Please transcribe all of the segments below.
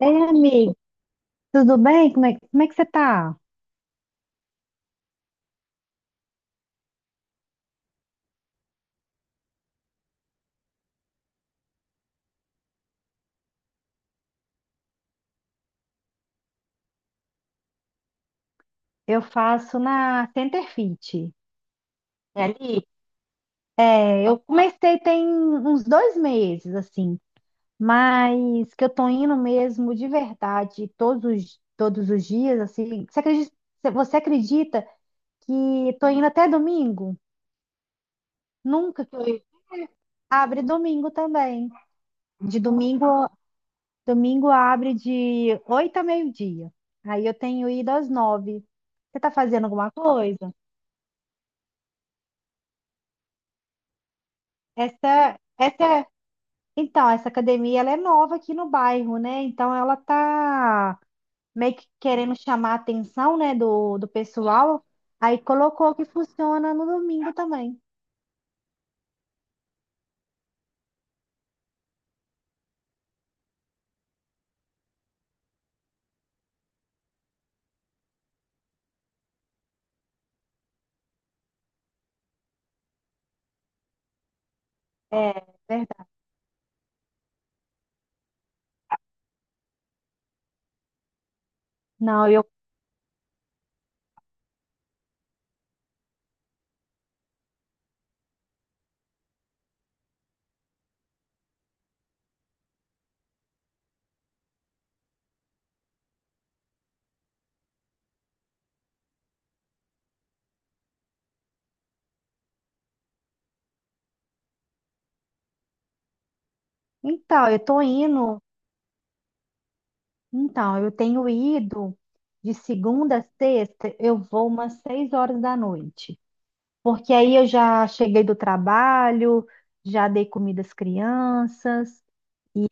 Ei, amigo, tudo bem? Como é que você tá? Eu faço na Center Fit. É ali, eu comecei tem uns 2 meses, assim, mas que eu tô indo mesmo de verdade todos os dias, assim. Você acredita que tô indo até domingo? Nunca que eu... Abre domingo também. De domingo, domingo abre de 8 a meio-dia. Aí eu tenho ido às 9. Você tá fazendo alguma coisa? Essa, essa, então, essa academia ela é nova aqui no bairro, né? Então ela tá meio que querendo chamar a atenção, né, do pessoal. Aí colocou que funciona no domingo também. É verdade. Não, eu, então, eu tô indo, então, eu tenho ido de segunda a sexta, eu vou umas 6 horas da noite. Porque aí eu já cheguei do trabalho, já dei comida às crianças. e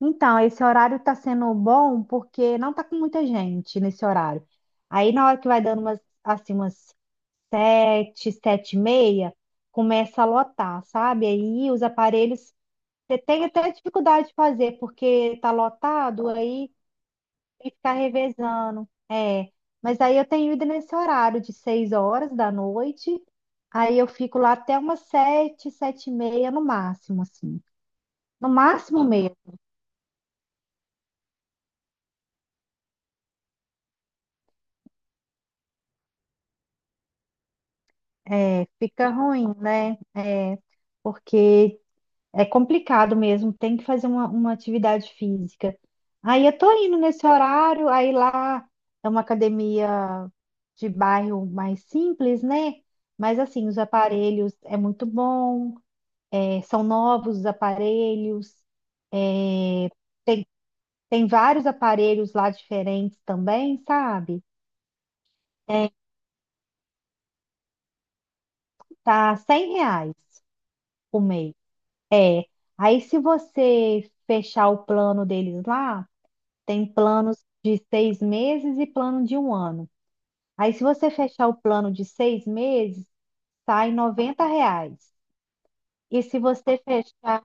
Então, esse horário está sendo bom porque não está com muita gente nesse horário. Aí, na hora que vai dando umas, assim, umas sete, sete e meia, começa a lotar, sabe? Aí os aparelhos, você tem até dificuldade de fazer, porque tá lotado, aí tem que ficar revezando. É, mas aí eu tenho ido nesse horário de 6 horas da noite, aí eu fico lá até umas sete, sete e meia no máximo, assim. No máximo. É, fica ruim, né? É, porque é complicado mesmo, tem que fazer uma atividade física. Aí eu tô indo nesse horário, aí lá é uma academia de bairro mais simples, né? Mas assim, os aparelhos é muito bom, é, são novos os aparelhos, é, tem, tem vários aparelhos lá diferentes também, sabe? É, tá R$ reais o mês. É. Aí, se você fechar o plano deles lá, tem planos de 6 meses e plano de um ano. Aí, se você fechar o plano de 6 meses, sai R$ 90. E se você fechar,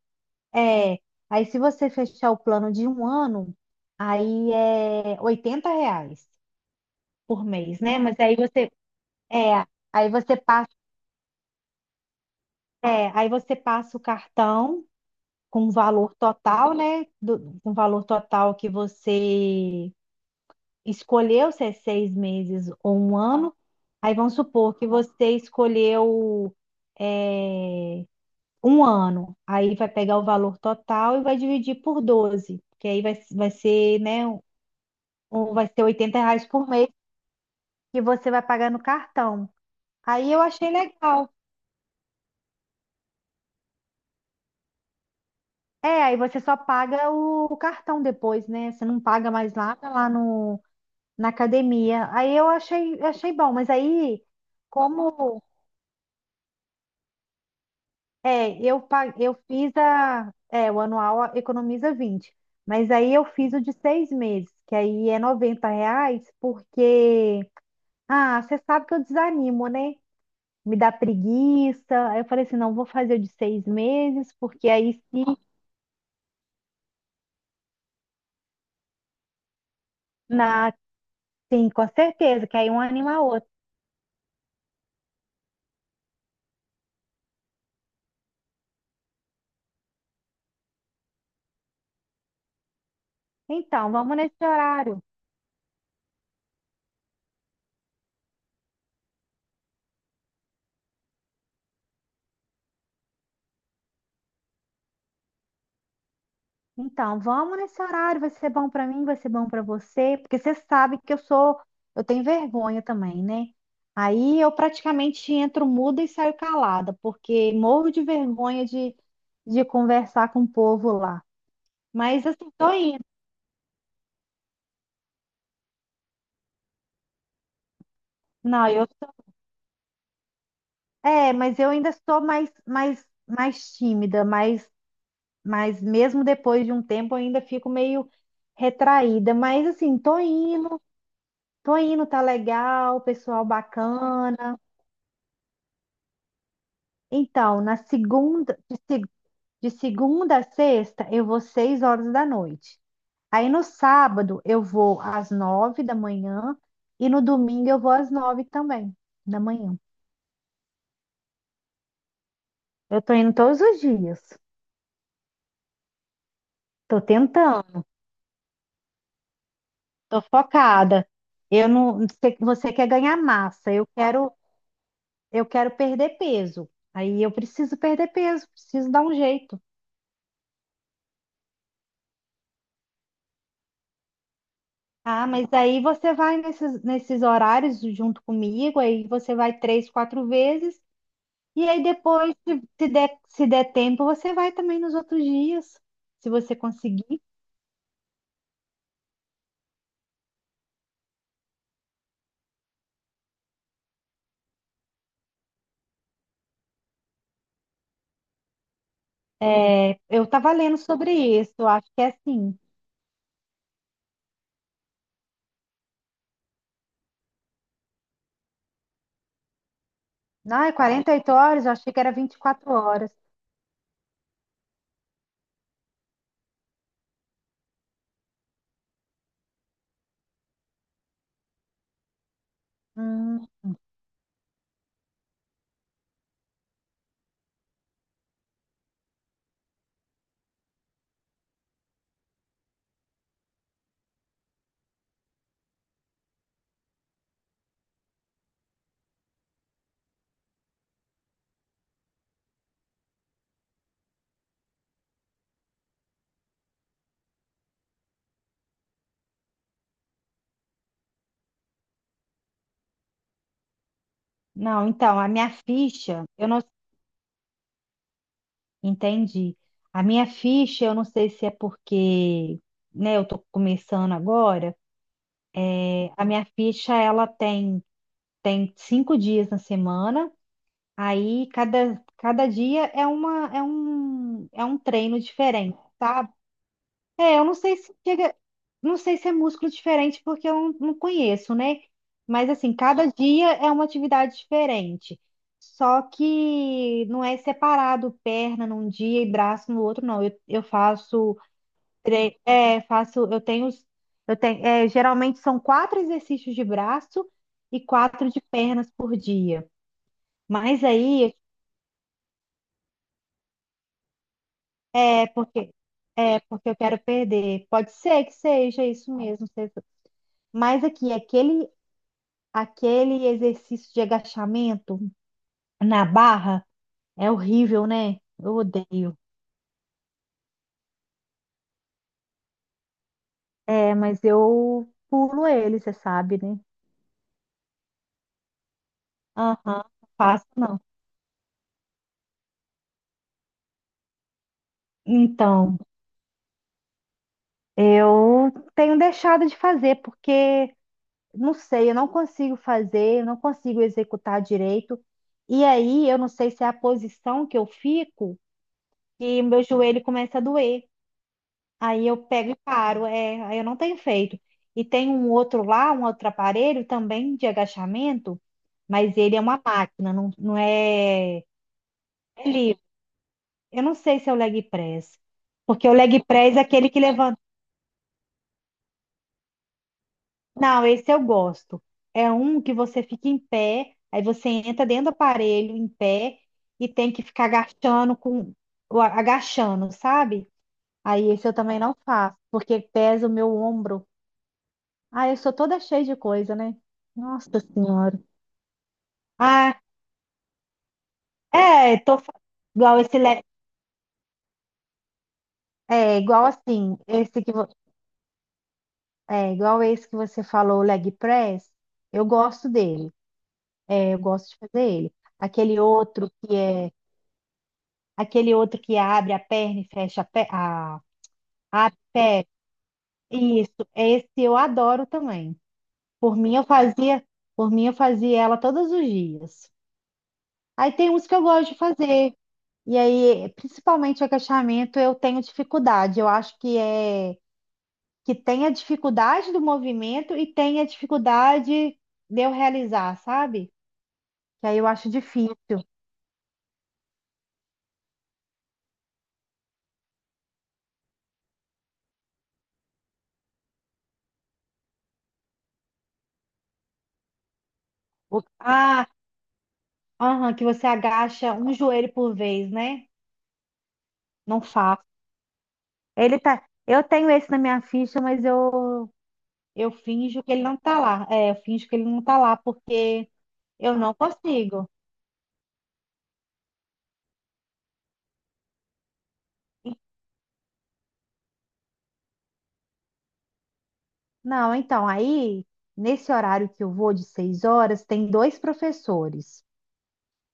é, aí se você fechar o plano de um ano, aí é R$ 80 por mês, né? Mas aí você, é, aí você passa, é, aí você passa o cartão com o valor total, né? Com o valor total que você escolheu se é 6 meses ou um ano, aí vamos supor que você escolheu é, um ano, aí vai pegar o valor total e vai dividir por 12, porque aí vai ser, né, vai ser R$ 80 por mês que você vai pagar no cartão. Aí eu achei legal. É, aí você só paga o cartão depois, né? Você não paga mais nada lá no, na academia. Aí eu achei bom, mas aí, como eu fiz o anual economiza 20. Mas aí eu fiz o de 6 meses, que aí é R$ 90, porque. Ah, você sabe que eu desanimo, né? Me dá preguiça. Aí eu falei assim: não, vou fazer o de 6 meses, porque aí se. Na... Sim, com certeza, que aí um anima a outra. Então, vamos nesse horário. Então, vamos nesse horário, vai ser bom pra mim, vai ser bom pra você, porque você sabe que eu tenho vergonha também, né? Aí eu praticamente entro muda e saio calada, porque morro de vergonha de conversar com o povo lá. Mas assim, tô indo. Não, mas eu ainda estou mais tímida, mais mas mesmo depois de um tempo eu ainda fico meio retraída, mas assim, tô indo, tá legal, pessoal bacana. Então, na segunda, de, se- de segunda a sexta, eu vou 6 horas da noite. Aí no sábado eu vou às 9 da manhã e no domingo eu vou às 9 também da manhã. Eu tô indo todos os dias. Tô tentando, tô focada. Eu não, você você quer ganhar massa, eu quero perder peso. Aí eu preciso perder peso, preciso dar um jeito. Ah, mas aí você vai nesses horários junto comigo, aí você vai três, quatro vezes. E aí depois, se der tempo, você vai também nos outros dias, se você conseguir. É, eu estava lendo sobre isso, eu acho que é assim. Não, é 48 horas, eu achei que era 24 horas. Hum, não, então, a minha ficha, eu não entendi. A minha ficha, eu não sei se é porque, né, eu tô começando agora. A minha ficha, ela tem 5 dias na semana. Aí cada dia é uma é um treino diferente, sabe? É, eu não sei se chega, não sei se é músculo diferente porque eu não conheço, né? Mas assim, cada dia é uma atividade diferente. Só que não é separado perna num dia e braço no outro, não. Eu faço, tre- é, faço, eu tenho, os- eu tenho, geralmente são quatro exercícios de braço e quatro de pernas por dia. Mas aí, É porque é porque eu quero perder. Pode ser que seja isso mesmo. Mas aqui, aquele exercício de agachamento na barra é horrível, né? Eu odeio. É, mas eu pulo ele, você sabe, né? Aham, não faço não. Então, eu tenho deixado de fazer porque não sei, eu não consigo fazer, eu não consigo executar direito. E aí, eu não sei se é a posição que eu fico e meu joelho começa a doer. Aí eu pego e paro, é, aí eu não tenho feito. E tem um outro lá, um outro aparelho também de agachamento, mas ele é uma máquina, não, é livre. Eu não sei se é o leg press, porque o leg press é aquele que levanta. Não, esse eu gosto. É um que você fica em pé, aí você entra dentro do aparelho em pé e tem que ficar agachando com agachando, sabe? Aí esse eu também não faço, porque pesa o meu ombro. Ah, eu sou toda cheia de coisa, né? Nossa Senhora. Ah, é, tô fa- igual esse le- é igual assim, esse é igual esse que você falou, o leg press, eu gosto dele. É, eu gosto de fazer ele. Aquele outro que é aquele outro que abre a perna e fecha a perna. Isso, esse eu adoro também. Por mim eu fazia, por mim eu fazia ela todos os dias. Aí tem uns que eu gosto de fazer. E aí, principalmente o agachamento, eu tenho dificuldade. Eu acho que é que tem a dificuldade do movimento e tem a dificuldade de eu realizar, sabe? Que aí eu acho difícil. Ah, aham, que você agacha um joelho por vez, né? Não faço. Ele tá. Eu tenho esse na minha ficha, mas eu finjo que ele não tá lá. É, eu finjo que ele não tá lá porque eu não consigo. Não, então, nesse horário que eu vou de 6 horas, tem dois professores,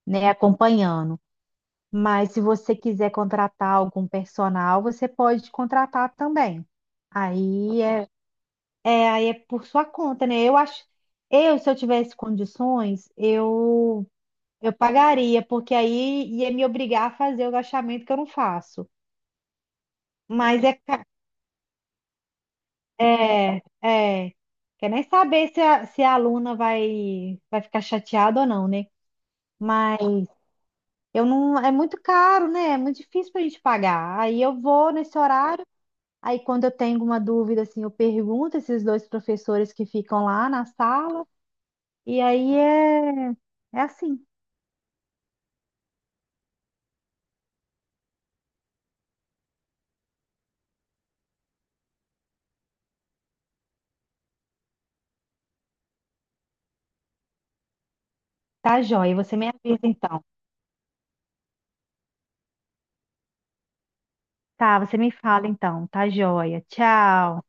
né, acompanhando. Mas se você quiser contratar algum personal, você pode contratar também. Aí é, aí é por sua conta, né? Eu acho, eu, se eu tivesse condições, eu pagaria, porque aí ia me obrigar a fazer o agachamento que eu não faço. Mas é, ca- é, é, quer nem saber se a aluna vai ficar chateada ou não, né? Mas Eu não, é muito caro, né? É muito difícil para a gente pagar. Aí eu vou nesse horário, aí quando eu tenho uma dúvida, assim, eu pergunto esses dois professores que ficam lá na sala, e aí é assim, tá joia. Você me avisa então. Tá, você me fala então, tá joia. Tchau.